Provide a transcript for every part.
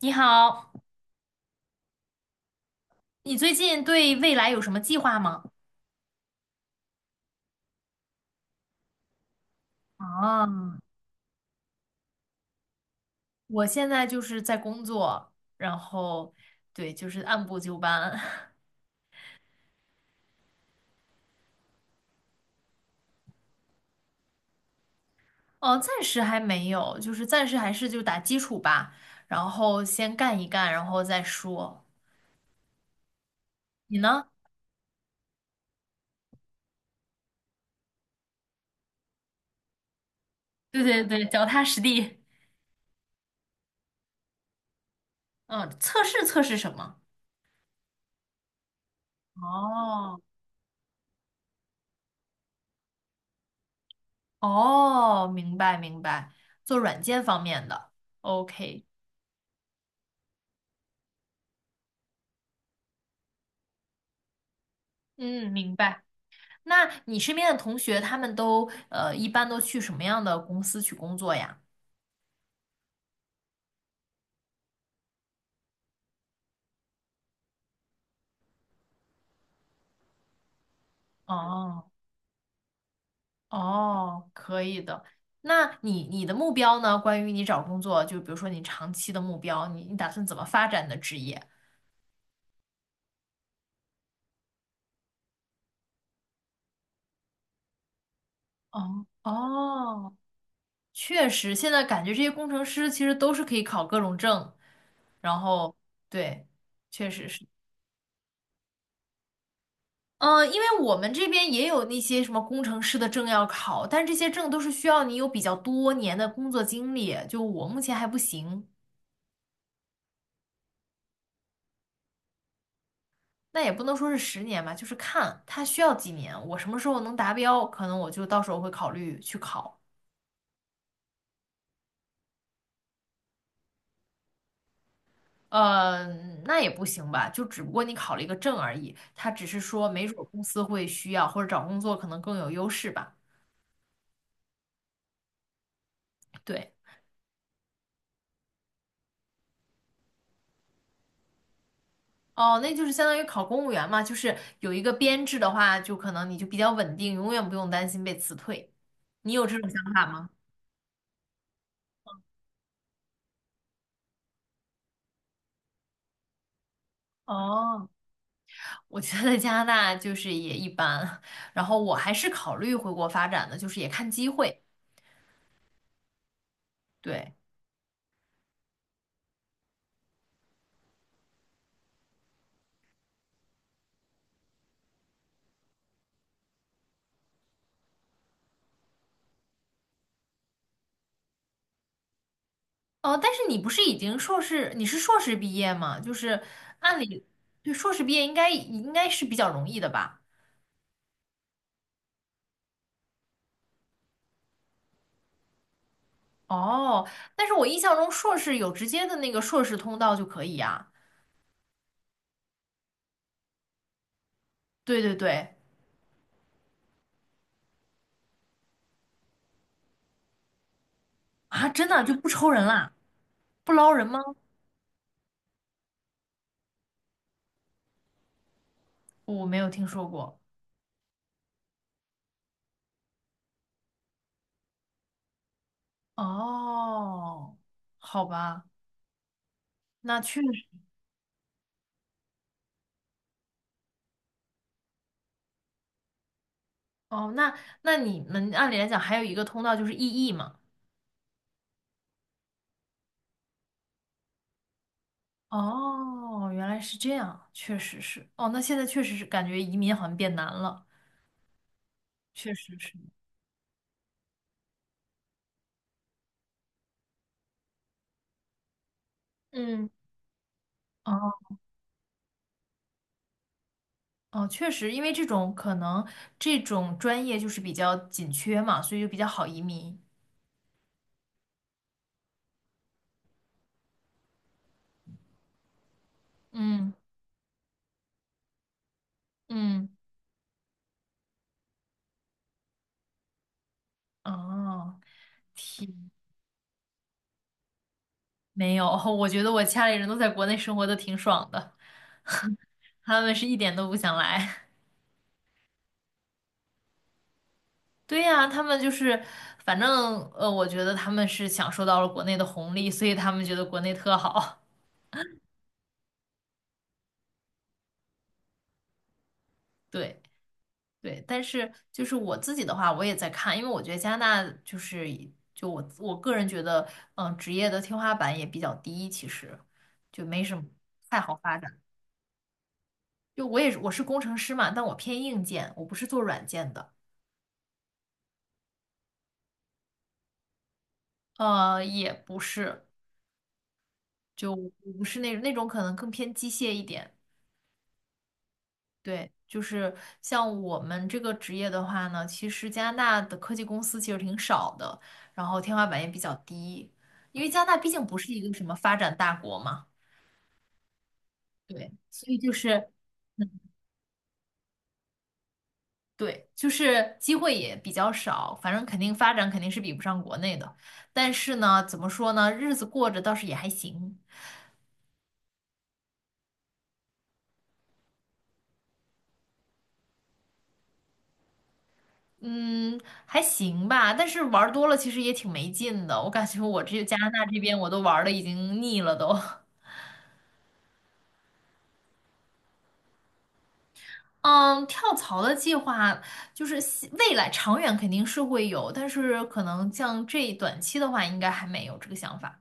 你好，你最近对未来有什么计划吗？啊，我现在就是在工作，然后对，就是按部就班。哦，暂时还没有，就是暂时还是就打基础吧，然后先干一干，然后再说。你呢？对对对，脚踏实地。嗯，测试测试什么？哦哦，明白明白，做软件方面的。OK，嗯，明白。那你身边的同学，他们都一般都去什么样的公司去工作呀？哦哦，可以的。那你的目标呢？关于你找工作，就比如说你长期的目标，你打算怎么发展你的职业？哦哦，确实，现在感觉这些工程师其实都是可以考各种证，然后对，确实是。嗯，因为我们这边也有那些什么工程师的证要考，但是这些证都是需要你有比较多年的工作经历，就我目前还不行。那也不能说是十年吧，就是看他需要几年，我什么时候能达标，可能我就到时候会考虑去考。嗯，那也不行吧，就只不过你考了一个证而已，他只是说没准儿公司会需要，或者找工作可能更有优势吧。对。哦，那就是相当于考公务员嘛，就是有一个编制的话，就可能你就比较稳定，永远不用担心被辞退。你有这种想法吗？哦，我觉得加拿大就是也一般，然后我还是考虑回国发展的，就是也看机会。对，哦，但是你不是已经硕士，你是硕士毕业吗？就是按理，对，硕士毕业应该是比较容易的吧？哦，但是我印象中硕士有直接的那个硕士通道就可以呀。对对对，啊，真的就不抽人啦。不捞人吗？我没有听说过。哦，好吧，那确实。哦，那你们按理来讲还有一个通道就是异议嘛。哦，原来是这样，确实是。哦，那现在确实是感觉移民好像变难了，确实是。嗯，哦哦，确实，因为这种可能这种专业就是比较紧缺嘛，所以就比较好移民。嗯嗯，哦，天，没有。我觉得我家里人都在国内生活的挺爽的。他们是一点都不想来。对呀，他们就是，反正我觉得他们是享受到了国内的红利，所以他们觉得国内特好。对对，但是就是我自己的话，我也在看，因为我觉得加拿大就是就我个人觉得，嗯、职业的天花板也比较低，其实就没什么太好发展。就我也是我是工程师嘛，但我偏硬件，我不是做软件的。也不是，就我不是那种可能更偏机械一点。对，就是像我们这个职业的话呢，其实加拿大的科技公司其实挺少的，然后天花板也比较低，因为加拿大毕竟不是一个什么发展大国嘛。对，所以就是对，就是机会也比较少，反正肯定发展肯定是比不上国内的，但是呢，怎么说呢，日子过着倒是也还行。嗯，还行吧，但是玩儿多了其实也挺没劲的，我感觉我这加拿大这边我都玩儿的已经腻了都。嗯，跳槽的计划就是希未来长远肯定是会有，但是可能像这短期的话，应该还没有这个想法。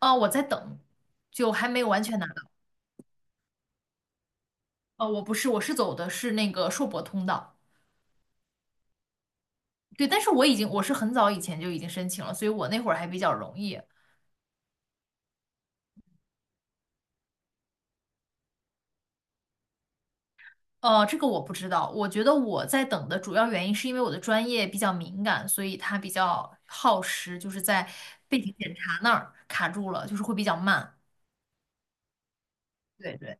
哦，我在等，就还没有完全拿到。哦，我不是，我是走的是那个硕博通道。对，但是我已经我是很早以前就已经申请了，所以我那会儿还比较容易。这个我不知道。我觉得我在等的主要原因是因为我的专业比较敏感，所以它比较耗时，就是在背景检查那儿卡住了，就是会比较慢。对对。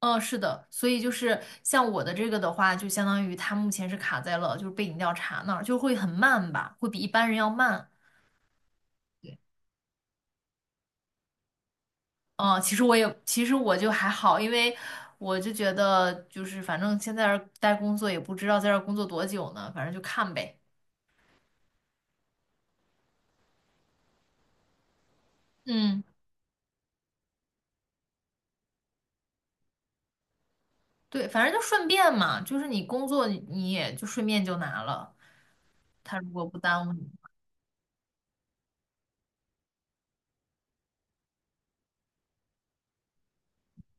嗯，是的，所以就是像我的这个的话，就相当于它目前是卡在了就是背景调查那儿，就会很慢吧，会比一般人要慢。对，嗯，其实我就还好，因为我就觉得就是反正现在这儿待工作也不知道在这儿工作多久呢，反正就看呗。嗯，对，反正就顺便嘛，就是你工作你也就顺便就拿了，他如果不耽误你，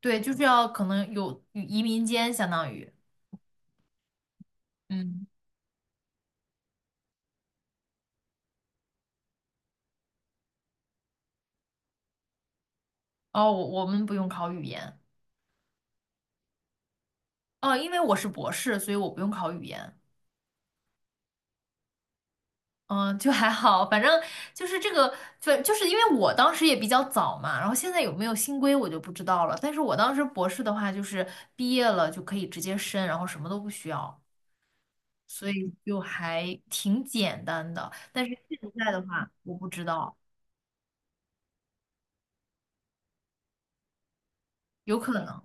对，就是要可能有移民间相当于，嗯，哦，我我们不用考语言。哦，因为我是博士，所以我不用考语言。嗯，就还好，反正就是这个，就是因为我当时也比较早嘛，然后现在有没有新规我就不知道了。但是我当时博士的话，就是毕业了就可以直接申，然后什么都不需要，所以就还挺简单的。但是现在的话，我不知道，有可能。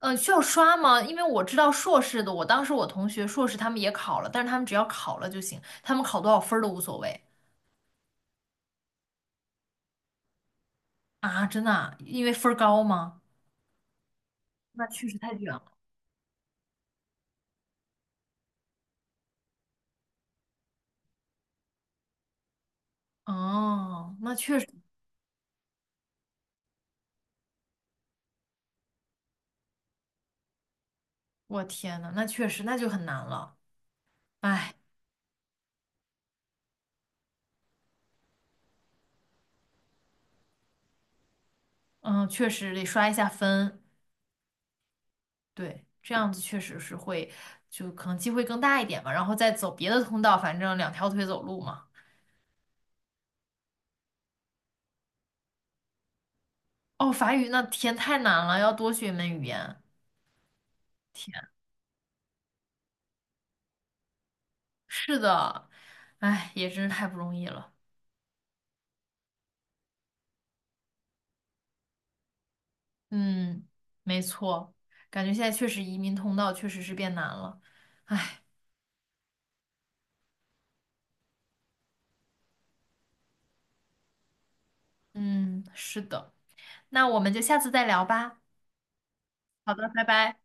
嗯，需要刷吗？因为我知道硕士的，我当时我同学硕士他们也考了，但是他们只要考了就行，他们考多少分儿都无所谓啊，真的啊因为分儿高吗？那确实太卷了。哦，那确实，我天呐，那确实那就很难了。哎，嗯，确实得刷一下分。对，这样子确实是会，就可能机会更大一点吧。然后再走别的通道，反正两条腿走路嘛。哦，法语那天太难了，要多学一门语言。天，是的，哎，也真是太不容易了。嗯，没错，感觉现在确实移民通道确实是变难了。嗯，是的，那我们就下次再聊吧。好的，拜拜。